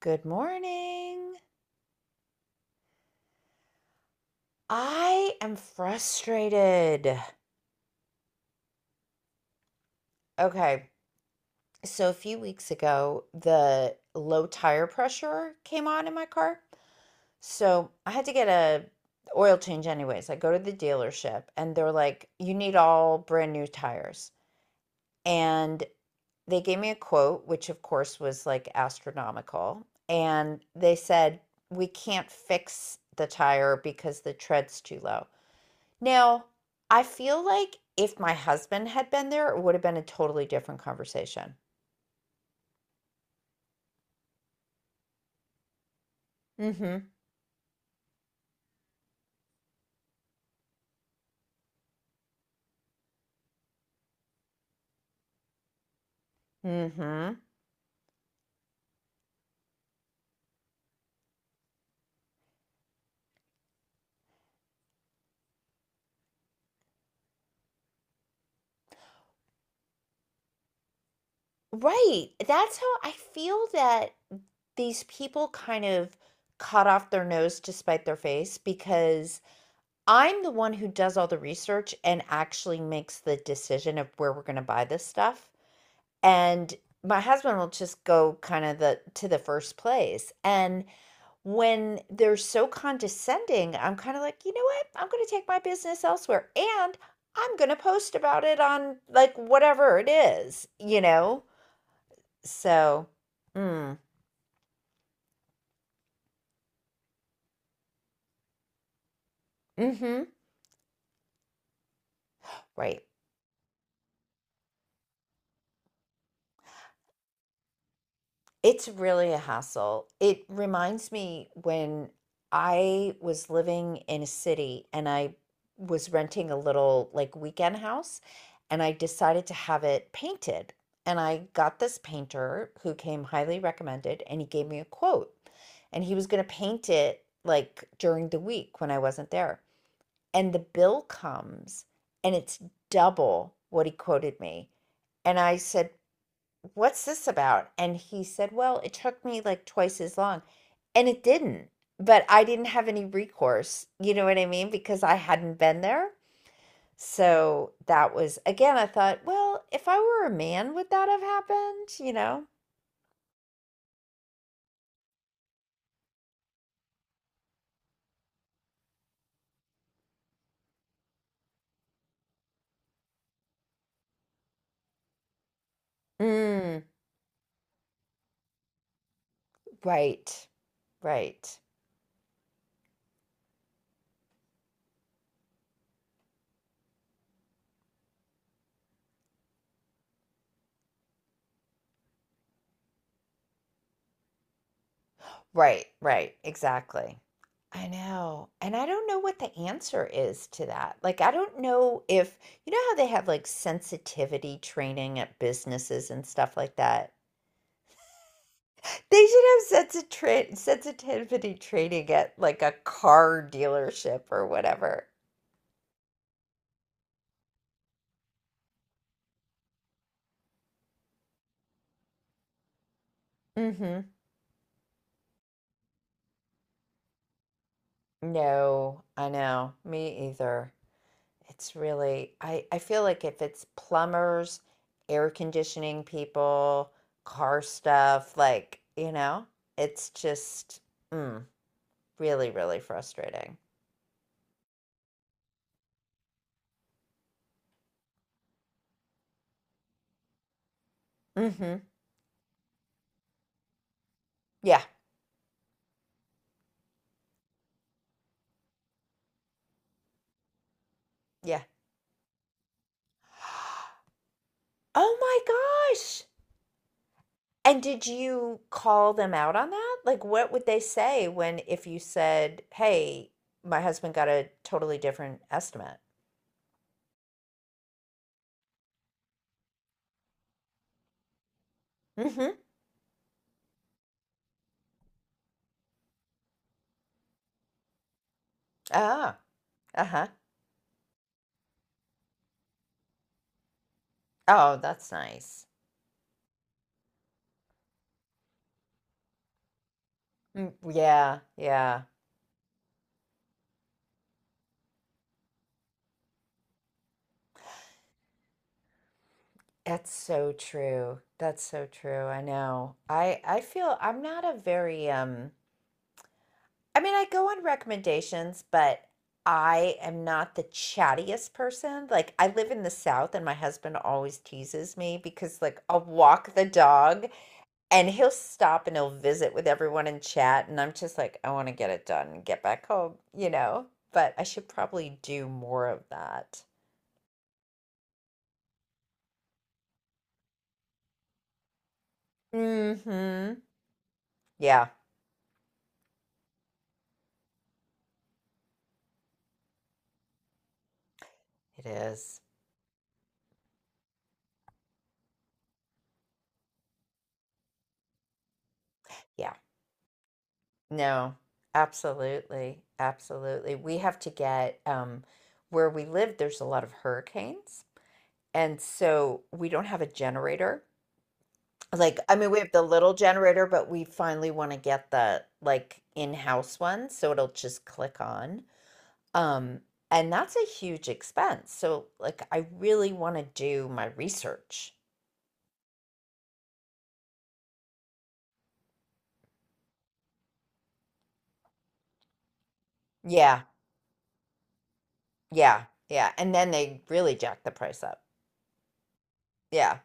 Good morning. I am frustrated. Okay. So a few weeks ago, the low tire pressure came on in my car. So I had to get a oil change anyways. I go to the dealership and they're like, "You need all brand new tires." And they gave me a quote, which of course was like astronomical, and they said, "We can't fix the tire because the tread's too low." Now, I feel like if my husband had been there, it would have been a totally different conversation. Mm-hmm. Mm-hmm. Right. That's how I feel that these people kind of cut off their nose to spite their face because I'm the one who does all the research and actually makes the decision of where we're going to buy this stuff. And my husband will just go kind of the to the first place. And when they're so condescending, I'm kind of like, you know what? I'm going to take my business elsewhere and I'm going to post about it on like whatever it is, So, mm, mm-hmm. Right. It's really a hassle. It reminds me when I was living in a city and I was renting a little like weekend house and I decided to have it painted. And I got this painter who came highly recommended and he gave me a quote and he was going to paint it like during the week when I wasn't there. And the bill comes and it's double what he quoted me. And I said, what's this about? And he said, well, it took me like twice as long. And it didn't, but I didn't have any recourse. You know what I mean? Because I hadn't been there. So that was, again, I thought, well, if I were a man, would that have happened? You know? Mm, right, right, right, right. Exactly. I know. And I don't know what the answer is to that. Like, I don't know if, you know how they have like sensitivity training at businesses and stuff like that? They should have sensitivity training at like a car dealership or whatever. Mm-hmm. No, I know. Me either. It's really, I feel like if it's plumbers, air conditioning people, car stuff, like, you know, it's just mm, really, really frustrating. Mm-hmm. Yeah, yeah. Oh my gosh. And did you call them out on that? Like, what would they say when, if you said, hey, my husband got a totally different estimate? Mm-hmm. Ah, uh-huh. Oh, that's nice. Mm, yeah, yeah. That's so true. That's so true. I know. I feel I'm not a very I mean, I go on recommendations, but I am not the chattiest person. Like, I live in the South, and my husband always teases me because, like, I'll walk the dog and he'll stop and he'll visit with everyone and chat. And I'm just like, I want to get it done and get back home, you know? But I should probably do more of that. Mm-hmm. Yeah, it is. Yeah. No, absolutely. Absolutely. We have to get, where we live, there's a lot of hurricanes. And so we don't have a generator. Like, I mean, we have the little generator, but we finally want to get the like in-house one, so it'll just click on. Um, and that's a huge expense. So like I really want to do my research. Yeah, yeah, yeah. And then they really jack the price up. Yeah.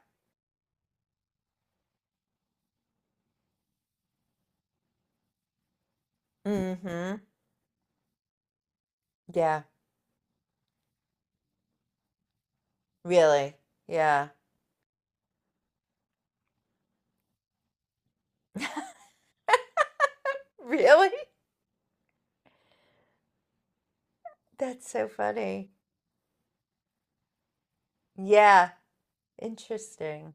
Mm-hmm. Yeah. Really. Yeah. Really? That's so funny. Yeah. Interesting.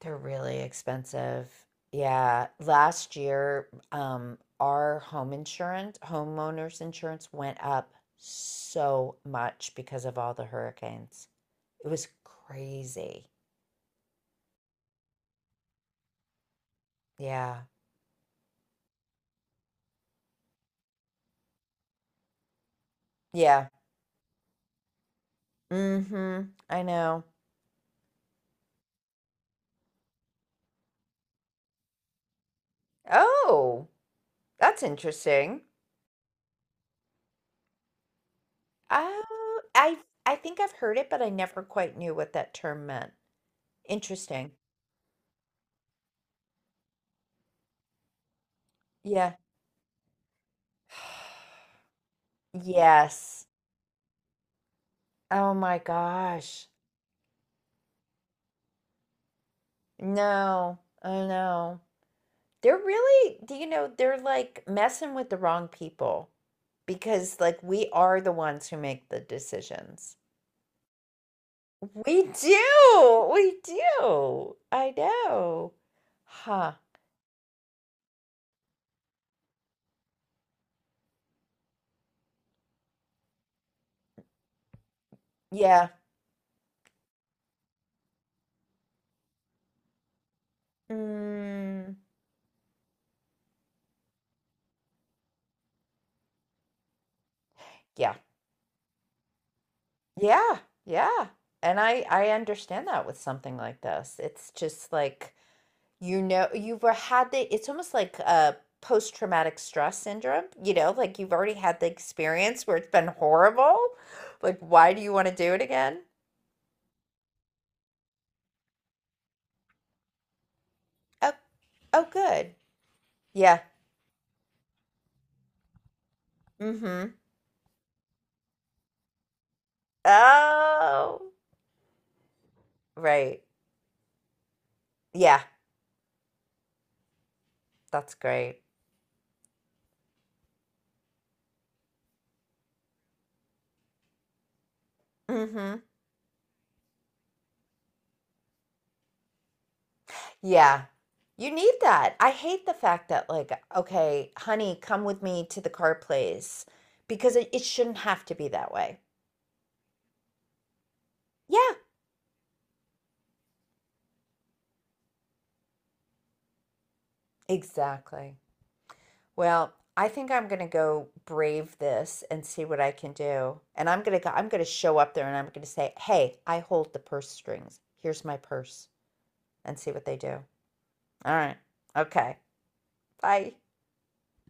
They're really expensive. Yeah. Last year, our home insurance, homeowners insurance went up so much because of all the hurricanes. It was crazy. Yeah. Yeah. Mm-hmm. I know. Oh, that's interesting. Oh, I think I've heard it, but I never quite knew what that term meant. Interesting. Yeah. Yes. Oh my gosh. No, I know. They're really, do you know, they're like messing with the wrong people because like we are the ones who make the decisions. We do. We do. I know. Huh. Yeah. Mm, yeah. Yeah. Yeah. And I understand that with something like this. It's just like you know, you've had the it's almost like a post-traumatic stress syndrome, you know, like you've already had the experience where it's been horrible. Like, why do you want to do it again? Oh, oh, good. Yeah. Mm-hmm. Oh, right. Yeah, that's great. Mm-hmm. Yeah. You need that. I hate the fact that, like, okay, honey, come with me to the car place because it shouldn't have to be that way. Yeah, exactly. Well, I think I'm gonna go brave this and see what I can do. And I'm gonna show up there and I'm gonna say, "Hey, I hold the purse strings. Here's my purse," and see what they do. All right. Okay. Bye.